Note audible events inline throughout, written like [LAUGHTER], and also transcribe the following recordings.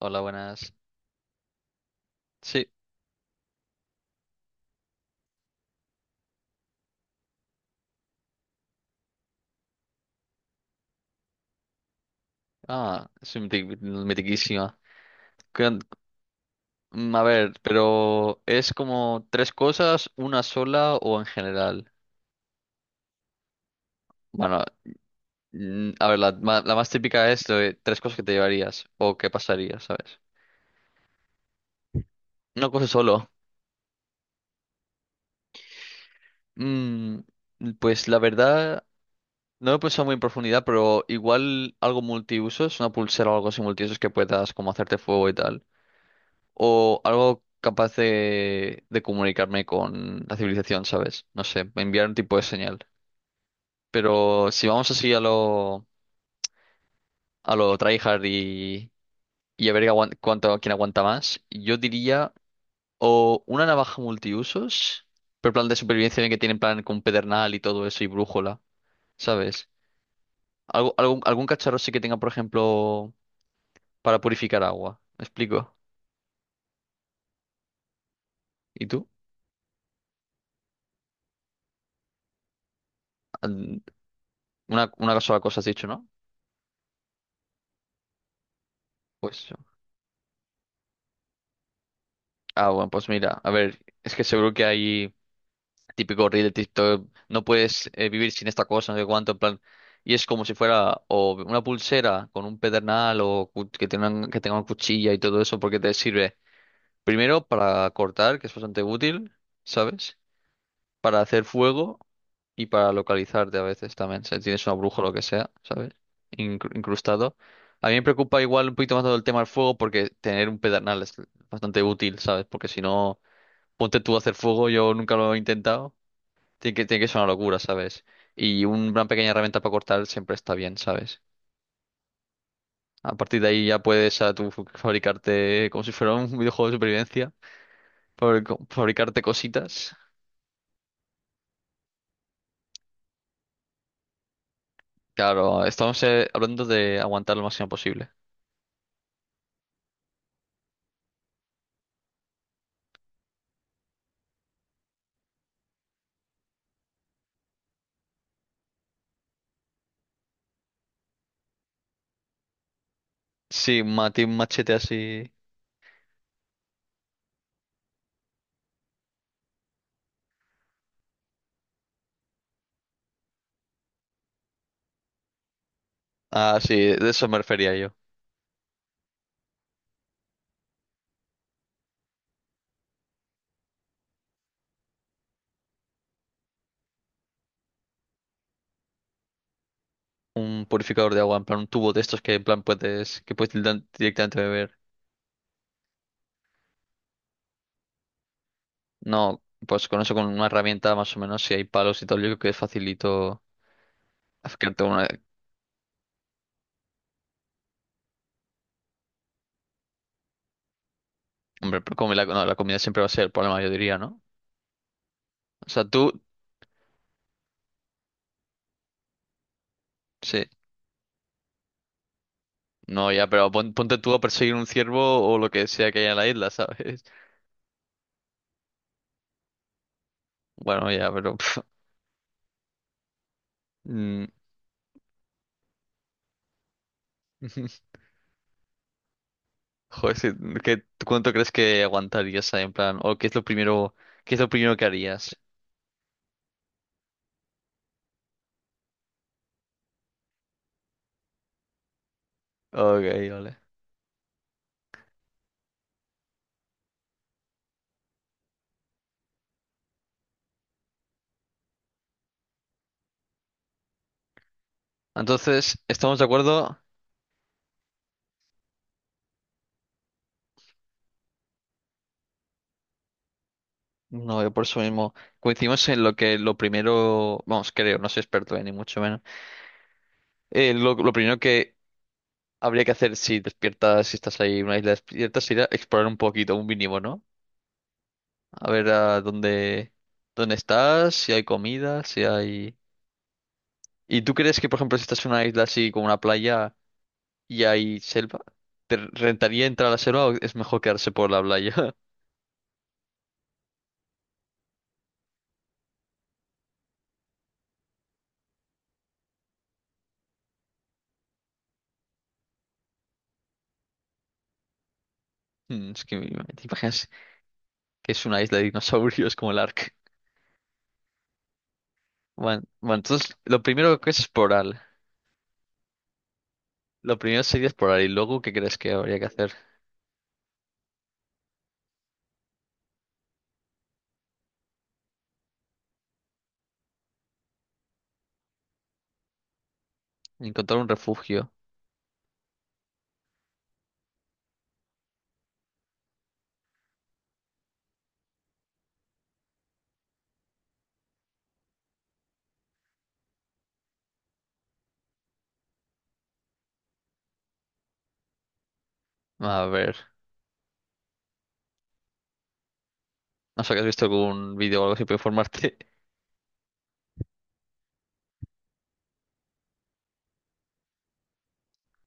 Hola, buenas. Sí, ah, es miti- mitiquísima. Cuan- A ver, pero ¿es como 3 cosas, una sola o en general? Bueno, a ver, la más típica es de 3 cosas que te llevarías o qué pasaría, ¿sabes? Una cosa solo. Mm, pues la verdad, no lo he pensado muy en profundidad, pero igual algo multiusos, una pulsera o algo así multiusos que puedas como hacerte fuego y tal. O algo capaz de comunicarme con la civilización, ¿sabes? No sé, enviar un tipo de señal. Pero si vamos así a lo tryhard y a ver quién aguanta más, yo diría o una navaja multiusos, pero plan de supervivencia en el que tienen plan con pedernal y todo eso y brújula, ¿sabes? Algún cacharro sí que tenga, por ejemplo, para purificar agua, ¿me explico? ¿Y tú? An- una sola cosa has dicho, ¿no? Pues Ah, bueno, pues mira, a ver, es que seguro que hay típico reel de TikTok, no puedes vivir sin esta cosa, no sé cuánto, en plan, y es como si fuera o una pulsera con un pedernal o que tenga una cuchilla y todo eso, porque te sirve primero para cortar, que es bastante útil, ¿sabes? Para hacer fuego y para localizarte a veces también, si tienes una bruja o lo que sea, ¿sabes? Incrustado. A mí me preocupa igual un poquito más todo el tema del fuego porque tener un pedernal es bastante útil, ¿sabes? Porque si no... Ponte tú a hacer fuego, yo nunca lo he intentado. Tiene que ser una locura, ¿sabes? Y una pequeña herramienta para cortar siempre está bien, ¿sabes? A partir de ahí ya puedes a tú [LAUGHS] fabricarte como si fuera un videojuego de supervivencia, fabricarte cositas. Claro, estamos hablando de aguantar lo máximo posible. Sí, un machete así. Ah, sí, de eso me refería yo. Un purificador de agua, en plan un tubo de estos que en plan puedes directamente beber. No, pues con eso, con una herramienta más o menos, si hay palos y tal, yo creo que es facilito acercarte a una... Hombre, pero como no, la comida siempre va a ser el problema, yo diría, ¿no? O sea, tú, sí, no, ya, pero ponte tú a perseguir un ciervo o lo que sea que haya en la isla, [LAUGHS] ¿sabes? Bueno, ya, pero... pf, mm, [LAUGHS] joder, sí, ¿qué, tú cuánto crees que aguantarías ahí, en plan? ¿O qué es lo primero, qué es lo primero que harías? Ok, vale. Entonces, ¿estamos de acuerdo? No, yo por eso mismo coincidimos en lo que lo primero, vamos, creo, no soy experto, ni mucho menos. Lo primero que habría que hacer si despiertas, si estás ahí en una isla despierta, sería explorar un poquito, un mínimo, ¿no? A ver a dónde estás, si hay comida, si hay... ¿Y tú crees que, por ejemplo, si estás en una isla así como una playa y hay selva, te rentaría entrar a la selva o es mejor quedarse por la playa? [LAUGHS] Es que te imaginas que es una isla de dinosaurios como el Ark. Bueno, bueno, entonces lo primero que es explorar. Lo primero sería explorar y luego ¿qué crees que habría que hacer? Encontrar un refugio. A ver, no sé, ¿has visto algún vídeo o algo así para informarte? [LAUGHS]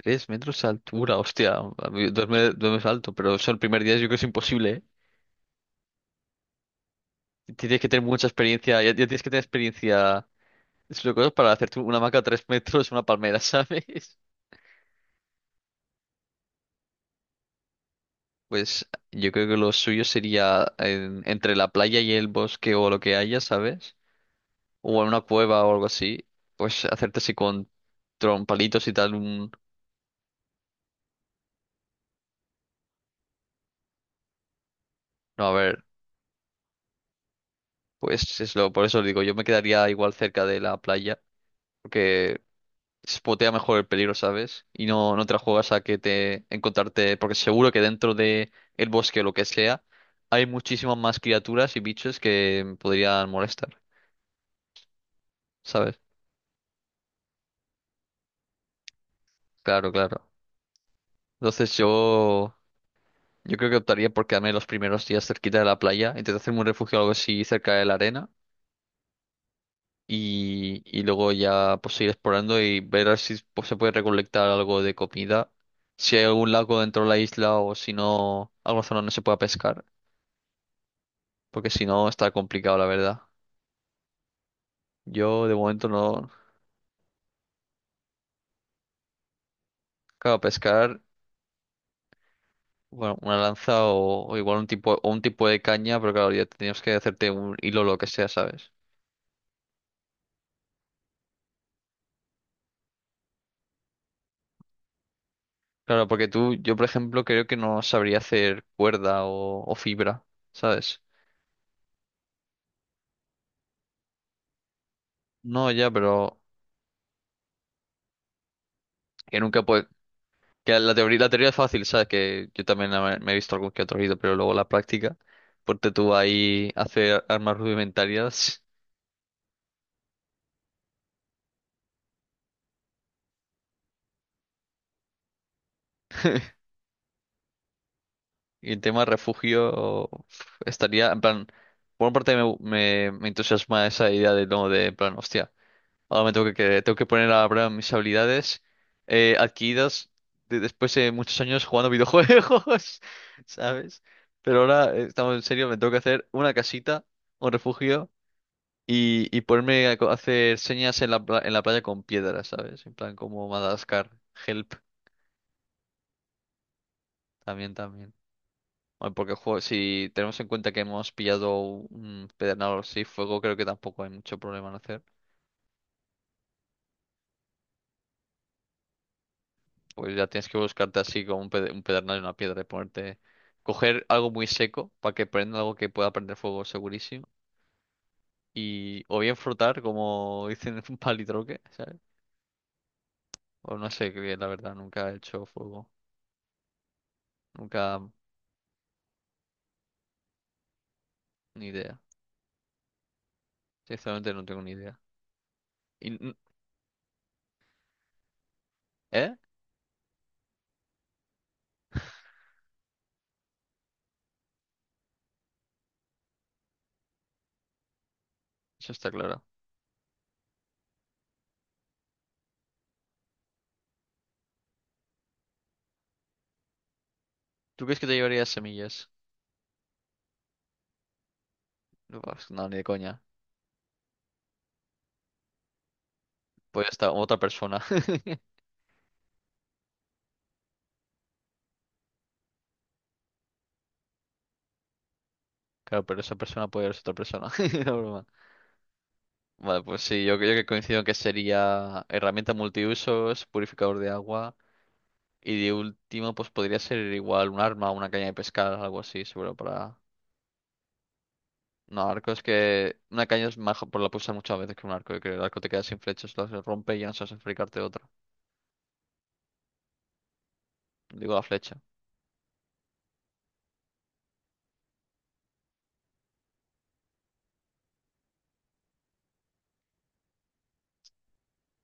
3 metros de altura, hostia, a mí dos, 2 metros alto, pero eso el primer día yo creo que es imposible, ¿eh? Tienes que tener mucha experiencia, ya tienes que tener experiencia es lo que es para hacerte una hamaca a 3 [LAUGHS] metros, una palmera, [LAUGHS] ¿sabes? Pues yo creo que lo suyo sería entre la playa y el bosque o lo que haya, ¿sabes?, o en una cueva o algo así, pues hacerte así con trompalitos y tal, un... No, a ver, pues es lo, por eso digo, yo me quedaría igual cerca de la playa, porque spotea mejor el peligro, ¿sabes? Y no te la juegas a que te encontrarte, porque seguro que dentro de el bosque o lo que sea, hay muchísimas más criaturas y bichos que podrían molestar, ¿sabes? Claro, claro. Entonces yo creo que optaría por quedarme los primeros días cerquita de la playa, intentar hacerme un refugio o algo así cerca de la arena y luego ya pues ir explorando y ver a ver si pues, se puede recolectar algo de comida. Si hay algún lago dentro de la isla o si no, alguna zona no se pueda pescar, porque si no está complicado, la verdad. Yo de momento no, claro, pescar, bueno, una lanza o igual un tipo, o un tipo de caña, pero claro, ya tenías que hacerte un hilo o lo que sea, ¿sabes? Claro, porque tú, yo por ejemplo, creo que no sabría hacer cuerda o fibra, ¿sabes? No, ya, pero que nunca puede. Que la teoría es fácil, ¿sabes? Que yo también me he visto algún que otro vídeo, pero luego la práctica, ponte tú ahí a hacer armas rudimentarias [LAUGHS] y el tema refugio uf, estaría, en plan, por una parte me entusiasma esa idea no, de, en plan, hostia, ahora me tengo que, tengo que poner a prueba mis habilidades adquiridas después de muchos años jugando videojuegos, [LAUGHS] ¿sabes? Pero ahora, estamos en serio, me tengo que hacer una casita, un refugio. Y ponerme a hacer señas en en la playa con piedras, ¿sabes? En plan como Madagascar, help, también, también. Bueno, porque jo, si tenemos en cuenta que hemos pillado un pedernal así, fuego, creo que tampoco hay mucho problema en hacer. Pues ya tienes que buscarte así como un pedernal y una piedra y ponerte... Coger algo muy seco para que prenda algo que pueda prender fuego segurísimo. Y o bien frotar, como dicen, [LAUGHS] un palitroque, ¿sabes? O no sé, que la verdad, nunca he hecho fuego. Nunca, ni idea. Sinceramente no tengo ni idea. Y n- ¿Eh? Eso está claro. ¿Tú crees que te llevarías semillas? No, vas, no, ni de coña. Puede estar otra persona. [LAUGHS] Claro, pero esa persona puede ser otra persona. [LAUGHS] No, broma. Vale, pues sí, yo creo que coincido en que sería herramienta multiusos, purificador de agua. Y de último, pues podría ser igual un arma, una caña de pescar, algo así, seguro para. No, arco es que. Una caña es mejor por la puedes usar muchas veces que un arco. Yo creo que el arco te queda sin flechas, las rompe y ya no sabes fabricarte otra. Digo la flecha.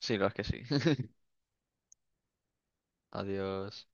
Sí, la verdad es que sí. [LAUGHS] Adiós.